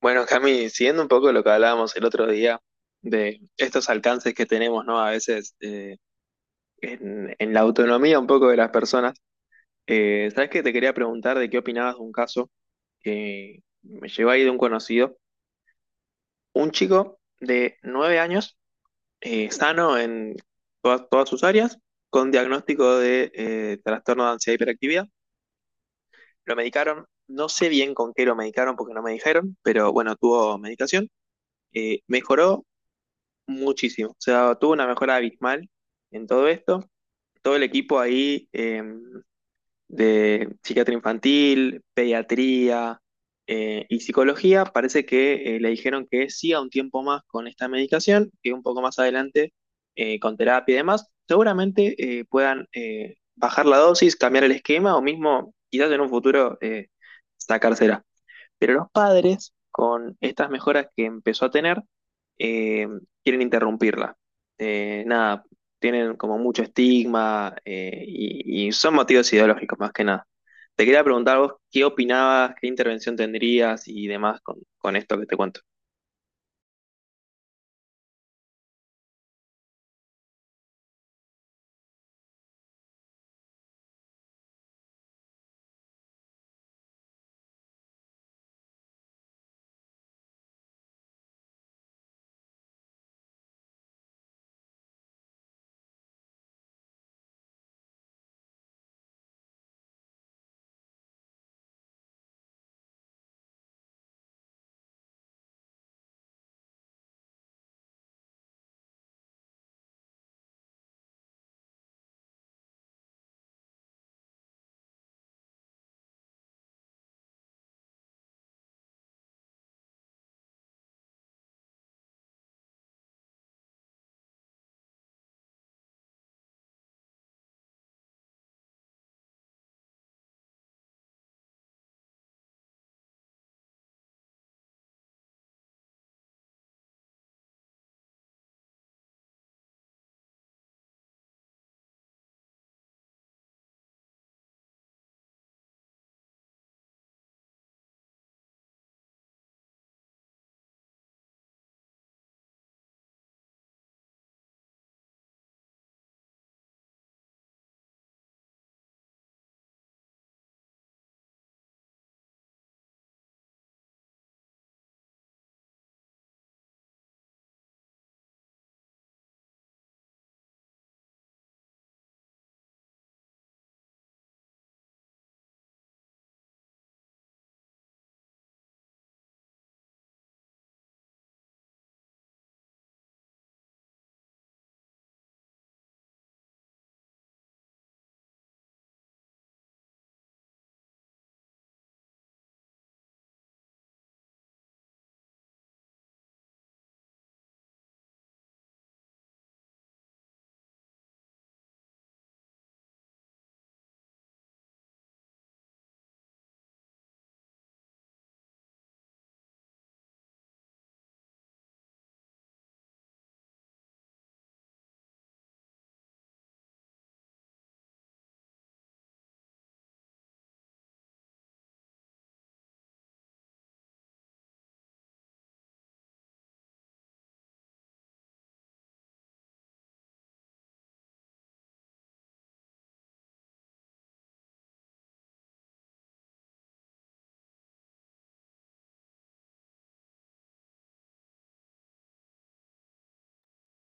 Bueno, Cami, siguiendo un poco lo que hablábamos el otro día de estos alcances que tenemos, ¿no? A veces en la autonomía un poco de las personas. ¿Sabes qué? Te quería preguntar de qué opinabas de un caso que me llegó ahí de un conocido. Un chico de 9 años, sano en todas sus áreas, con diagnóstico de trastorno de ansiedad y hiperactividad. Lo medicaron, no sé bien con qué lo medicaron porque no me dijeron, pero bueno, tuvo medicación. Mejoró muchísimo. O sea, tuvo una mejora abismal en todo esto. Todo el equipo ahí de psiquiatría infantil, pediatría y psicología, parece que le dijeron que siga un tiempo más con esta medicación, que un poco más adelante con terapia y demás, seguramente puedan bajar la dosis, cambiar el esquema o mismo quizás en un futuro sacársela. Pero los padres, con estas mejoras que empezó a tener, eh, quieren interrumpirla. Nada, tienen como mucho estigma y son motivos ideológicos más que nada. Te quería preguntar vos qué opinabas, qué intervención tendrías y demás con esto que te cuento.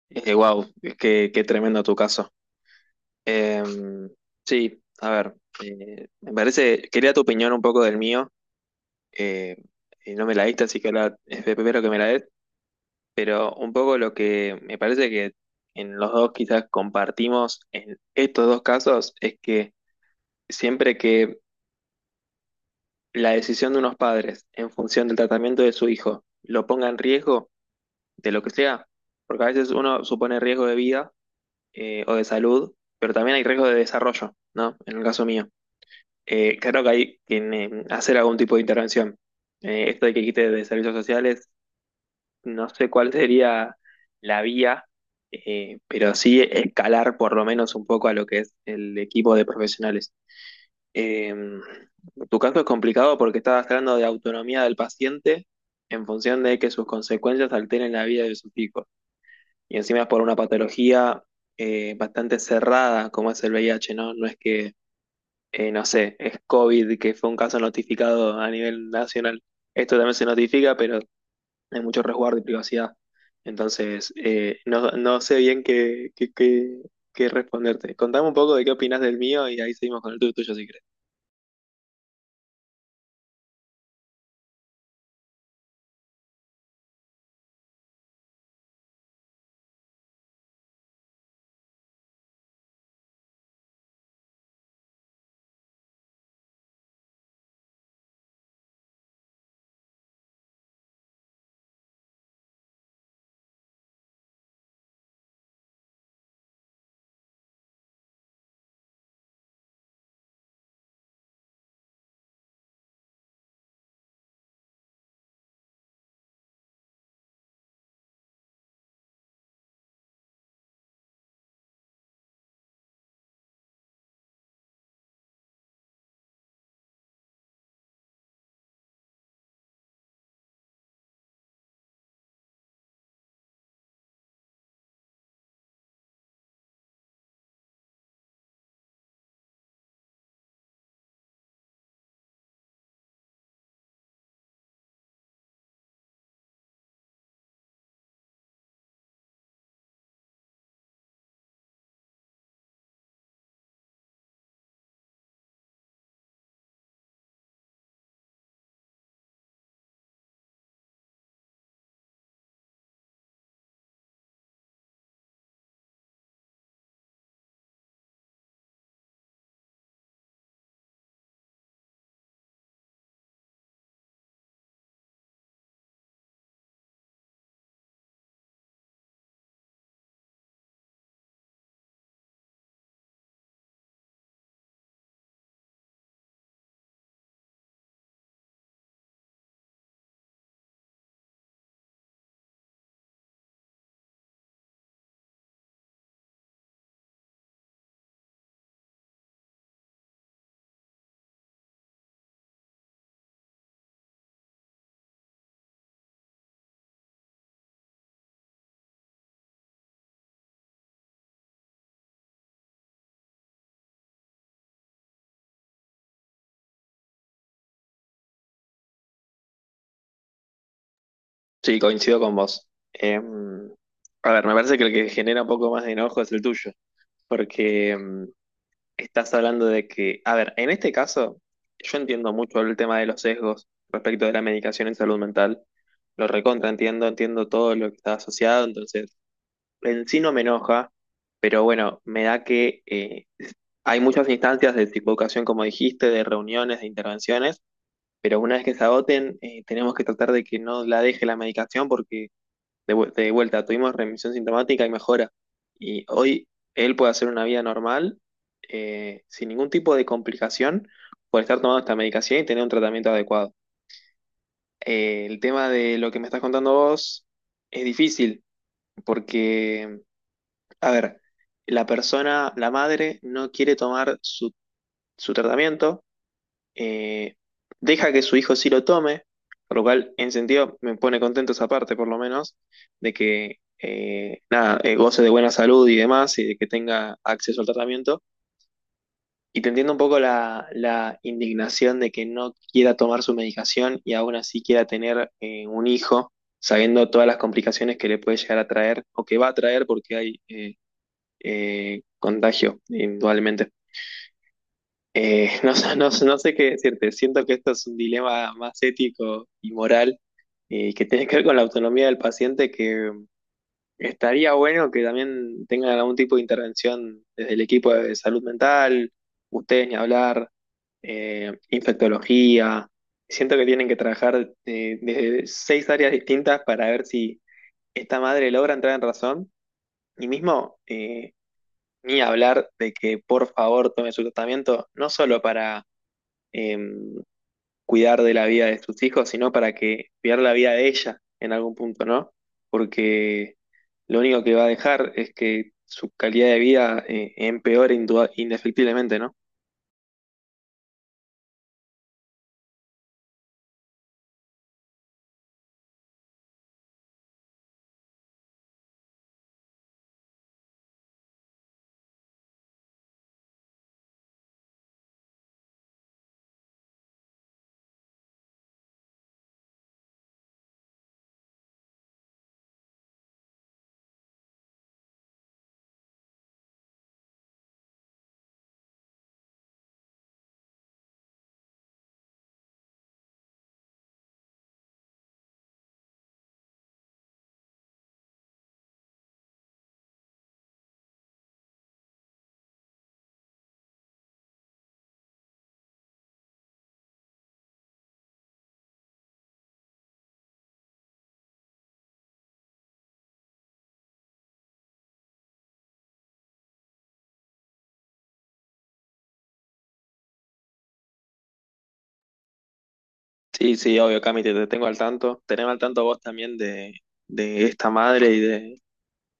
Wow, qué tremendo tu caso. Eh, sí, a ver, me parece, quería tu opinión un poco del mío, eh, y no me la diste, así que ahora es primero que me la des. Pero un poco lo que me parece que en los dos quizás compartimos en estos dos casos es que siempre que la decisión de unos padres en función del tratamiento de su hijo lo ponga en riesgo de lo que sea, porque a veces uno supone riesgo de vida o de salud, pero también hay riesgo de desarrollo, ¿no? En el caso mío. Claro que hay que hacer algún tipo de intervención. Esto de que quite de servicios sociales no sé cuál sería la vía, pero sí escalar por lo menos un poco a lo que es el equipo de profesionales. Eh, Tu caso es complicado porque estás hablando de autonomía del paciente en función de que sus consecuencias alteren la vida de sus hijos. Y encima es por una patología bastante cerrada como es el VIH, ¿no? No es que, no sé, es COVID, que fue un caso notificado a nivel nacional. Esto también se notifica, pero hay mucho resguardo y privacidad. Entonces, no, no sé bien qué responderte. Contame un poco de qué opinas del mío y ahí seguimos con el tuyo, tuyo, si querés. Sí, coincido con vos. Em, a ver, me parece que el que genera un poco más de enojo es el tuyo, porque em, estás hablando de que, a ver, en este caso, yo entiendo mucho el tema de los sesgos respecto de la medicación en salud mental. Lo recontra, entiendo, entiendo todo lo que está asociado, entonces en sí no me enoja, pero bueno, me da que hay muchas instancias de psicoeducación, como dijiste, de reuniones, de intervenciones, pero una vez que se agoten, tenemos que tratar de que no la deje la medicación porque de vuelta tuvimos remisión sintomática y mejora. Y hoy él puede hacer una vida normal sin ningún tipo de complicación por estar tomando esta medicación y tener un tratamiento adecuado. El tema de lo que me estás contando vos es difícil porque, a ver, la persona, la madre, no quiere tomar su tratamiento eh, deja que su hijo sí lo tome, por lo cual en sentido me pone contento esa parte por lo menos, de que nada, goce de buena salud y demás y de que tenga acceso al tratamiento. Y te entiendo un poco la, la indignación de que no quiera tomar su medicación y aún así quiera tener un hijo, sabiendo todas las complicaciones que le puede llegar a traer o que va a traer porque hay contagio, indudablemente. No sé qué decirte, siento que esto es un dilema más ético y moral que tiene que ver con la autonomía del paciente, que estaría bueno que también tengan algún tipo de intervención desde el equipo de salud mental, ustedes ni hablar, infectología. Siento que tienen que trabajar desde 6 áreas distintas para ver si esta madre logra entrar en razón y mismo ni hablar de que por favor tome su tratamiento, no solo para em, cuidar de la vida de sus hijos, sino para que cuidar la vida de ella en algún punto, ¿no? Porque lo único que va a dejar es que su calidad de vida empeore indefectiblemente, ¿no? Sí, sí, obvio, Cami, te tengo al tanto. Tenemos al tanto vos también de esta madre y de,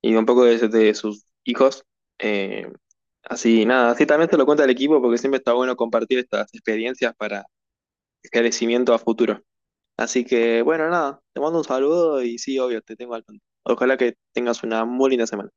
y un poco de sus hijos. Eh, Así, nada, así también te lo cuenta el equipo porque siempre está bueno compartir estas experiencias para esclarecimiento a futuro. Así que, bueno, nada, te mando un saludo y sí, obvio, te tengo al tanto. Ojalá que tengas una muy linda semana.